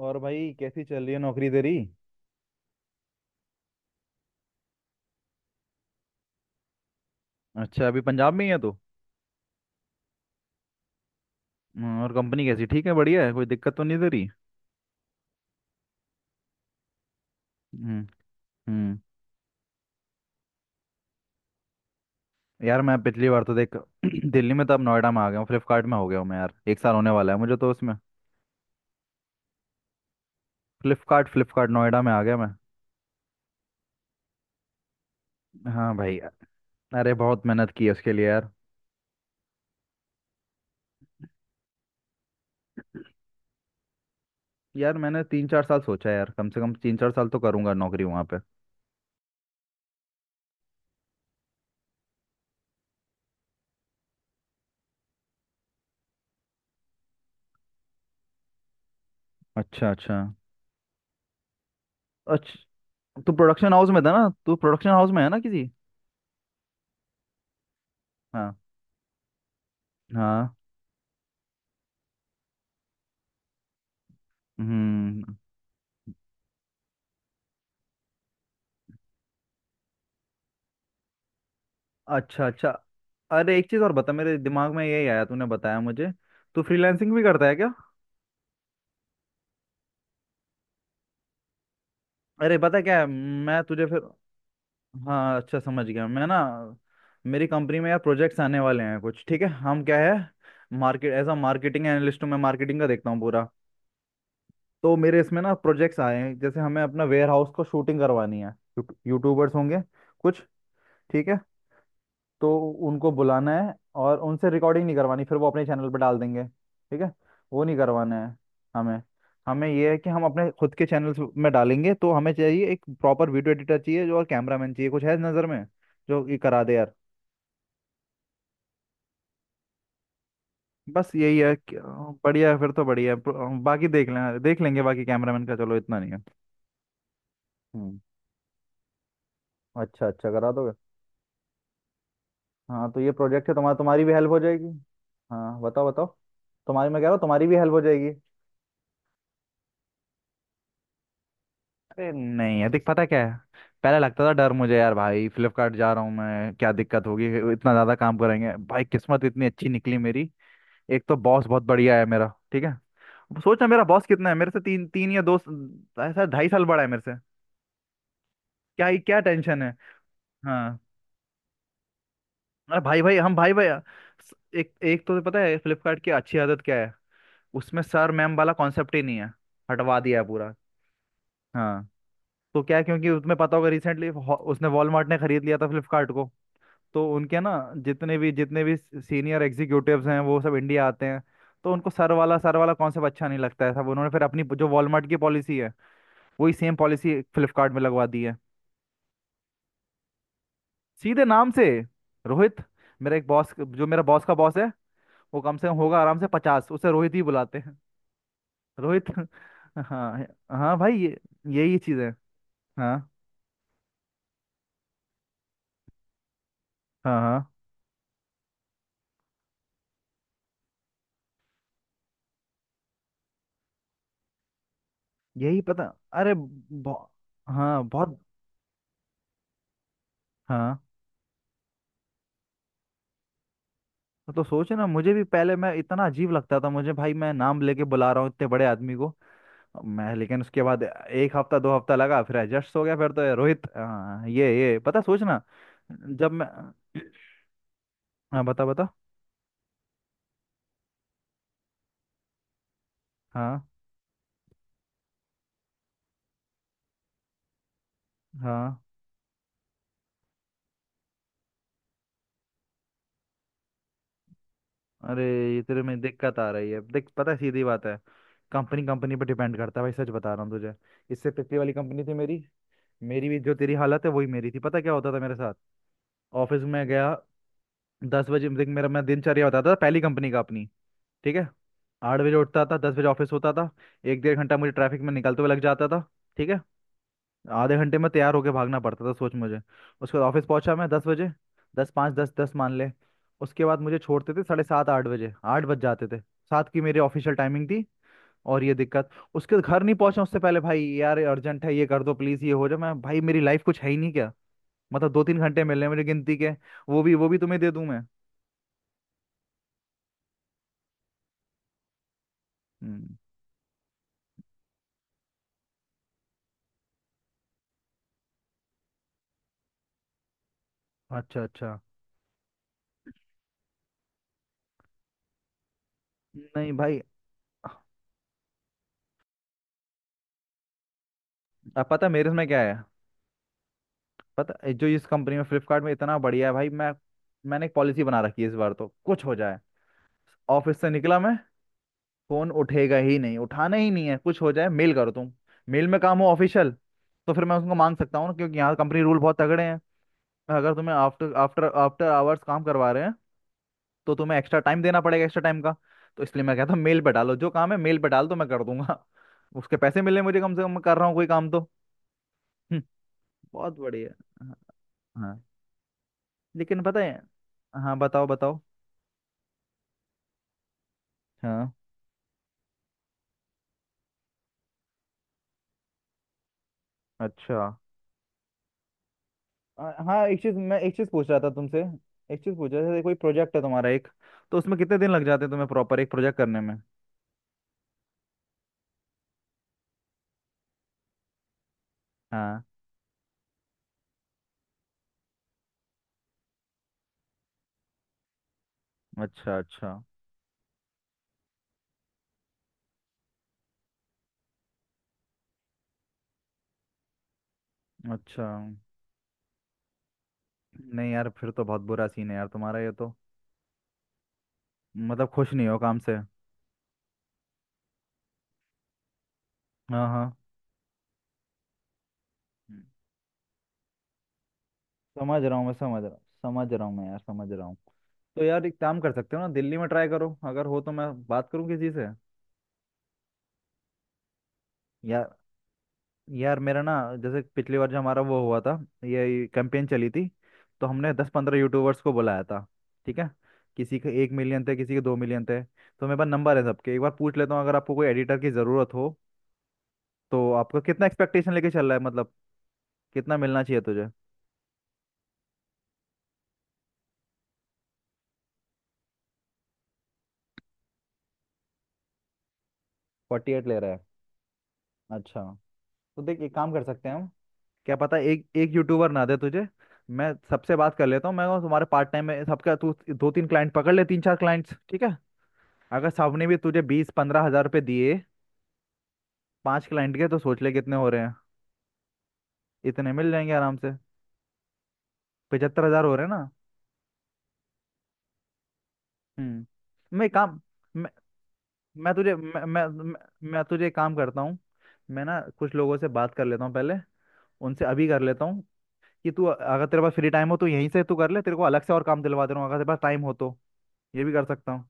और भाई, कैसी चल रही है नौकरी तेरी? अच्छा, अभी पंजाब में ही है तो? हम्म। और कंपनी कैसी? ठीक है? बढ़िया है? कोई दिक्कत तो नहीं दे रही? हम्म। हम्म। यार, मैं पिछली बार तो देख दिल्ली में तो अब नोएडा में आ गया हूँ। फ्लिपकार्ट में हो गया हूँ मैं, यार 1 साल होने वाला है मुझे तो उसमें। फ्लिपकार्ट फ्लिपकार्ट नोएडा में आ गया मैं। हाँ भाई। अरे बहुत मेहनत की है उसके लिए यार। यार, मैंने 3-4 साल सोचा है यार, कम से कम 3-4 साल तो करूंगा नौकरी वहाँ पे। अच्छा अच्छा अच्छा। तू प्रोडक्शन हाउस में था ना, तू प्रोडक्शन हाउस में है ना किसी? हाँ हाँ। हम्म। अच्छा अच्छा। अरे एक चीज और बता, मेरे दिमाग में यही आया तूने बताया मुझे। तू फ्रीलांसिंग भी करता है क्या? अरे पता क्या है, मैं तुझे फिर। हाँ, अच्छा समझ गया मैं ना। मेरी कंपनी में यार प्रोजेक्ट्स आने वाले हैं कुछ, ठीक है। हम क्या है, market as a marketing analyst हूँ मैं, मार्केटिंग का देखता हूँ पूरा। तो मेरे इसमें ना प्रोजेक्ट्स आए हैं, जैसे हमें अपना वेयर हाउस को शूटिंग करवानी है। यूट्यूबर्स होंगे कुछ, ठीक है। तो उनको बुलाना है और उनसे रिकॉर्डिंग नहीं करवानी, फिर वो अपने चैनल पर डाल देंगे, ठीक है। वो नहीं करवाना है हमें। हमें ये है कि हम अपने खुद के चैनल्स में डालेंगे, तो हमें चाहिए एक प्रॉपर वीडियो एडिटर चाहिए जो, और कैमरामैन चाहिए। कुछ है नज़र में जो ये करा दे यार? बस यही है बढ़िया है, फिर तो बढ़िया है बाकी देख लेंगे। बाकी कैमरामैन का चलो, इतना नहीं है। हम्म। अच्छा अच्छा, करा दोगे? हाँ तो ये प्रोजेक्ट है तुम्हारा, तुम्हारी भी हेल्प हो जाएगी। हाँ बताओ बताओ। तुम्हारी, मैं कह रहा हूँ तुम्हारी भी हेल्प हो जाएगी। अरे नहीं, अधिक पता क्या है। पहले लगता था डर मुझे यार, भाई फ्लिपकार्ट जा रहा हूँ मैं, क्या दिक्कत होगी, इतना ज़्यादा काम करेंगे। भाई किस्मत इतनी अच्छी निकली मेरी। एक तो बॉस बहुत बढ़िया है मेरा, ठीक है। सोच ना, मेरा बॉस कितना है मेरे से, तीन तीन या दो, ऐसा 2.5 साल बड़ा है मेरे से। क्या ही, क्या टेंशन है। हाँ। अरे भाई भाई, हम भाई भाई। एक एक तो पता है फ्लिपकार्ट की अच्छी आदत क्या है। उसमें सर मैम वाला कॉन्सेप्ट ही नहीं है, हटवा दिया है पूरा। हाँ। तो क्या है, क्योंकि तुम्हें पता होगा रिसेंटली उसने वॉलमार्ट ने खरीद लिया था फ्लिपकार्ट को। तो उनके ना, जितने भी सीनियर एग्जीक्यूटिव्स हैं वो सब इंडिया आते हैं। तो उनको सर वाला कॉन्सेप्ट अच्छा नहीं लगता है सब, उन्होंने फिर अपनी जो वॉलमार्ट की पॉलिसी है, वही सेम पॉलिसी फ्लिपकार्ट में लगवा दी है। सीधे नाम से। रोहित। मेरा एक बॉस जो मेरा बॉस का बॉस है, वो कम से कम होगा आराम से 50, उसे रोहित ही बुलाते हैं। रोहित हाँ। हाँ भाई ये, यही चीज़ है। हाँ हाँ हाँ। यही पता। अरे हाँ बहुत। हाँ हाँ, तो सोचे ना, मुझे भी पहले मैं, इतना अजीब लगता था मुझे भाई, मैं नाम लेके बुला रहा हूँ इतने बड़े आदमी को। मैं लेकिन उसके बाद 1 हफ्ता 2 हफ्ता लगा, फिर एडजस्ट हो गया। फिर तो ये रोहित हाँ, ये पता सोचना। जब मैं, हाँ बता बता। हाँ हाँ। अरे ये तेरे में दिक्कत आ रही है देख, पता है, सीधी बात है। कंपनी, कंपनी पर डिपेंड करता है भाई, सच बता रहा हूँ तुझे। इससे पिछली वाली कंपनी थी मेरी, मेरी भी जो तेरी हालत है वही मेरी थी, पता क्या होता था मेरे साथ। ऑफिस में गया 10 बजे। देख मेरा मैं दिनचर्या बताता था पहली कंपनी का अपनी, ठीक है। 8 बजे उठता था, 10 बजे ऑफिस होता था। एक डेढ़ घंटा मुझे ट्रैफिक में निकलते हुए लग जाता था, ठीक है। आधे घंटे में तैयार होके भागना पड़ता था, सोच मुझे। उसके बाद ऑफिस पहुंचा मैं 10 बजे, 10:05 10:10 मान ले। उसके बाद मुझे छोड़ते थे 7:30 8 बजे, आठ बज जाते थे। सात की मेरी ऑफिशियल टाइमिंग थी। और ये दिक्कत, उसके घर नहीं पहुंचा उससे पहले, भाई यार अर्जेंट है ये कर दो प्लीज ये हो जाए। मैं, भाई मेरी लाइफ कुछ है ही नहीं क्या? मतलब 2-3 घंटे मिलने हैं मेरी गिनती के, वो भी तुम्हें दे दूं मैं? हम्म। अच्छा अच्छा। नहीं भाई, अब पता है मेरे में क्या है। पता है, जो इस कंपनी में फ्लिपकार्ट में इतना बढ़िया है भाई, मैं, मैंने एक पॉलिसी बना रखी है इस बार, तो कुछ हो जाए ऑफिस से निकला मैं, फोन उठेगा ही नहीं, उठाना ही नहीं है। कुछ हो जाए मेल करो तुम, मेल में काम हो ऑफिशियल, तो फिर मैं उसको मांग सकता हूँ ना, क्योंकि यहाँ कंपनी रूल बहुत तगड़े हैं। अगर तुम्हें आफ्टर आफ्टर आफ्टर आवर्स काम करवा रहे हैं, तो तुम्हें एक्स्ट्रा टाइम देना पड़ेगा, एक्स्ट्रा टाइम का। तो इसलिए मैं कहता हूँ मेल पे डालो जो काम है, मेल पे डाल दो, मैं कर दूंगा उसके पैसे मिले मुझे, कम से कम मैं कर रहा हूँ कोई काम तो। हम्म। बहुत बढ़िया। हाँ। हाँ। लेकिन पता है। हाँ बताओ बताओ। हाँ। अच्छा। हाँ एक चीज पूछ रहा था तुमसे, एक चीज पूछ रहा था, कोई प्रोजेक्ट है तुम्हारा एक, तो उसमें कितने दिन लग जाते हैं तुम्हें प्रॉपर एक प्रोजेक्ट करने में? हाँ। अच्छा अच्छा अच्छा। नहीं यार, फिर तो बहुत बुरा सीन है यार तुम्हारा ये तो। मतलब खुश नहीं हो काम से। हाँ हाँ। हम्म। समझ रहा हूँ मैं, समझ रहा हूँ, समझ रहा हूँ मैं यार, समझ रहा हूँ। तो यार, एक काम कर सकते हो ना, दिल्ली में ट्राई करो। अगर हो तो मैं बात करूँ किसी से। यार, यार मेरा ना, जैसे पिछली बार जो हमारा वो हुआ था, ये कैंपेन चली थी। तो हमने 10-15 यूट्यूबर्स को बुलाया था, ठीक है। किसी के 1 मिलियन थे, किसी के 2 मिलियन थे, तो मेरे पास नंबर है सबके, एक बार पूछ लेता हूँ। अगर आपको कोई एडिटर की ज़रूरत हो, तो आपका कितना एक्सपेक्टेशन लेके चल रहा है मतलब, कितना मिलना चाहिए तुझे? 48 ले रहा है? अच्छा। तो देख, एक काम कर सकते हैं हम। क्या पता एक एक यूट्यूबर ना दे तुझे, मैं सबसे बात कर लेता हूँ मैं। और तुम्हारे पार्ट टाइम में, सबका तू 2-3 क्लाइंट पकड़ ले, 3-4 क्लाइंट्स, ठीक है। अगर सबने भी तुझे 15-20 हजार रुपये दिए 5 क्लाइंट के, तो सोच ले कितने हो रहे हैं, इतने मिल जाएंगे आराम से, 75 हजार हो रहे हैं ना। हम्म। मैं काम मैं मैं तुझे मैं मैं मैं मैं तुझे एक काम करता हूँ। मैं ना कुछ लोगों से बात कर लेता हूँ पहले, उनसे अभी कर लेता हूँ, कि तू, अगर तेरे पास फ्री टाइम हो तो यहीं से तू कर ले, तेरे को अलग से और काम दिलवा दे रहा हूँ, अगर तेरे पास टाइम हो तो, ये भी कर सकता हूँ।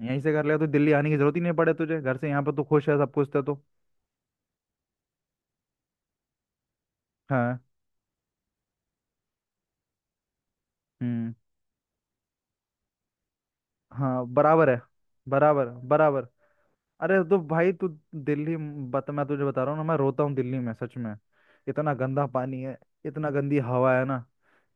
यहीं से कर ले तो दिल्ली आने की जरूरत ही नहीं पड़े तुझे, घर से, यहाँ पर तू खुश है सब कुछ है तो। हाँ। हम्म। हाँ बराबर है। बराबर, बराबर। अरे तो भाई तू, दिल्ली बता, मैं तुझे बता रहा हूँ ना, मैं रोता हूँ दिल्ली में सच में। इतना गंदा पानी है, इतना गंदी हवा है ना,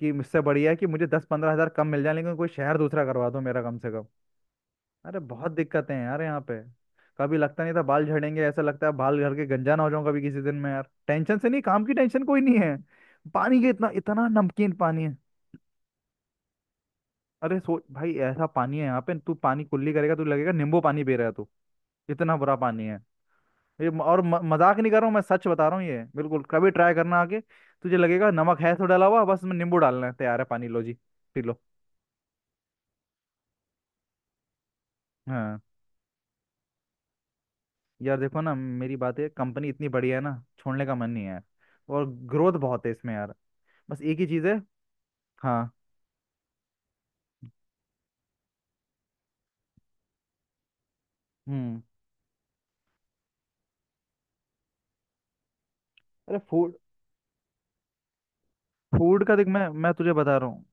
कि इससे बढ़िया है कि मुझे 10-15 हजार कम मिल जाए, लेकिन कोई शहर दूसरा करवा दो मेरा कम से कम। अरे बहुत दिक्कतें हैं यार यहाँ पे। कभी लगता नहीं था बाल झड़ेंगे, ऐसा लगता है बाल घर के गंजा ना हो जाऊं कभी किसी दिन में यार, टेंशन से, नहीं काम की टेंशन कोई नहीं है। पानी के, इतना इतना नमकीन पानी है। अरे सोच भाई, ऐसा पानी है यहाँ पे, तू पानी कुल्ली करेगा तू लगेगा नींबू पानी पी रहा है तू, इतना बुरा पानी है। ये म- और म, मजाक नहीं कर रहा हूँ मैं, सच बता रहा हूँ ये बिल्कुल। कभी ट्राई करना, आके तुझे लगेगा नमक है तो डाला हुआ बस में, नींबू डालना है, तैयार है, पानी लो जी, पी लो। हाँ। यार देखो ना, मेरी बात है कंपनी इतनी बढ़िया है ना, छोड़ने का मन नहीं है। और ग्रोथ बहुत है इसमें यार, बस एक ही चीज़ है। हाँ। हम्म। अरे फूड, फूड का देख, मैं तुझे बता रहा हूँ।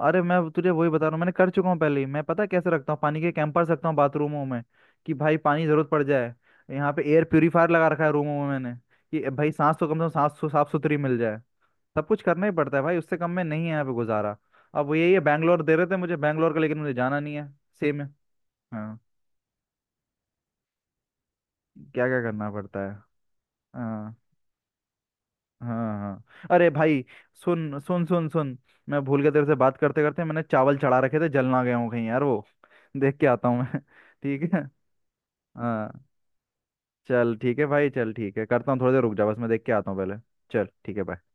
अरे मैं तुझे वही बता रहा हूँ, मैंने कर चुका हूँ पहले ही मैं, पता है कैसे रखता हूँ, पानी के कैंपर रखता हूँ बाथरूमों में, कि भाई पानी जरूरत पड़ जाए। यहाँ पे एयर प्योरीफायर लगा रखा है रूमों में मैंने, कि भाई सांस तो कम से कम सांस साफ सुथरी मिल जाए। सब कुछ करना ही पड़ता है भाई, उससे कम में नहीं है यहाँ पे गुजारा। अब वो यही है, बैंगलोर दे रहे थे मुझे, बैंगलोर का, लेकिन मुझे जाना नहीं है। सेम है। हाँ। क्या क्या करना पड़ता है। हाँ हाँ हाँ, अरे भाई, सुन सुन सुन सुन, मैं भूल के तेरे से बात करते करते मैंने चावल चढ़ा रखे थे, जल ना गया हूँ कहीं यार वो, देख के आता हूँ मैं ठीक है। हाँ। चल ठीक है भाई, चल ठीक है, करता हूँ, थोड़ी देर रुक जा बस, मैं देख के आता हूँ पहले। चल ठीक है, बाय।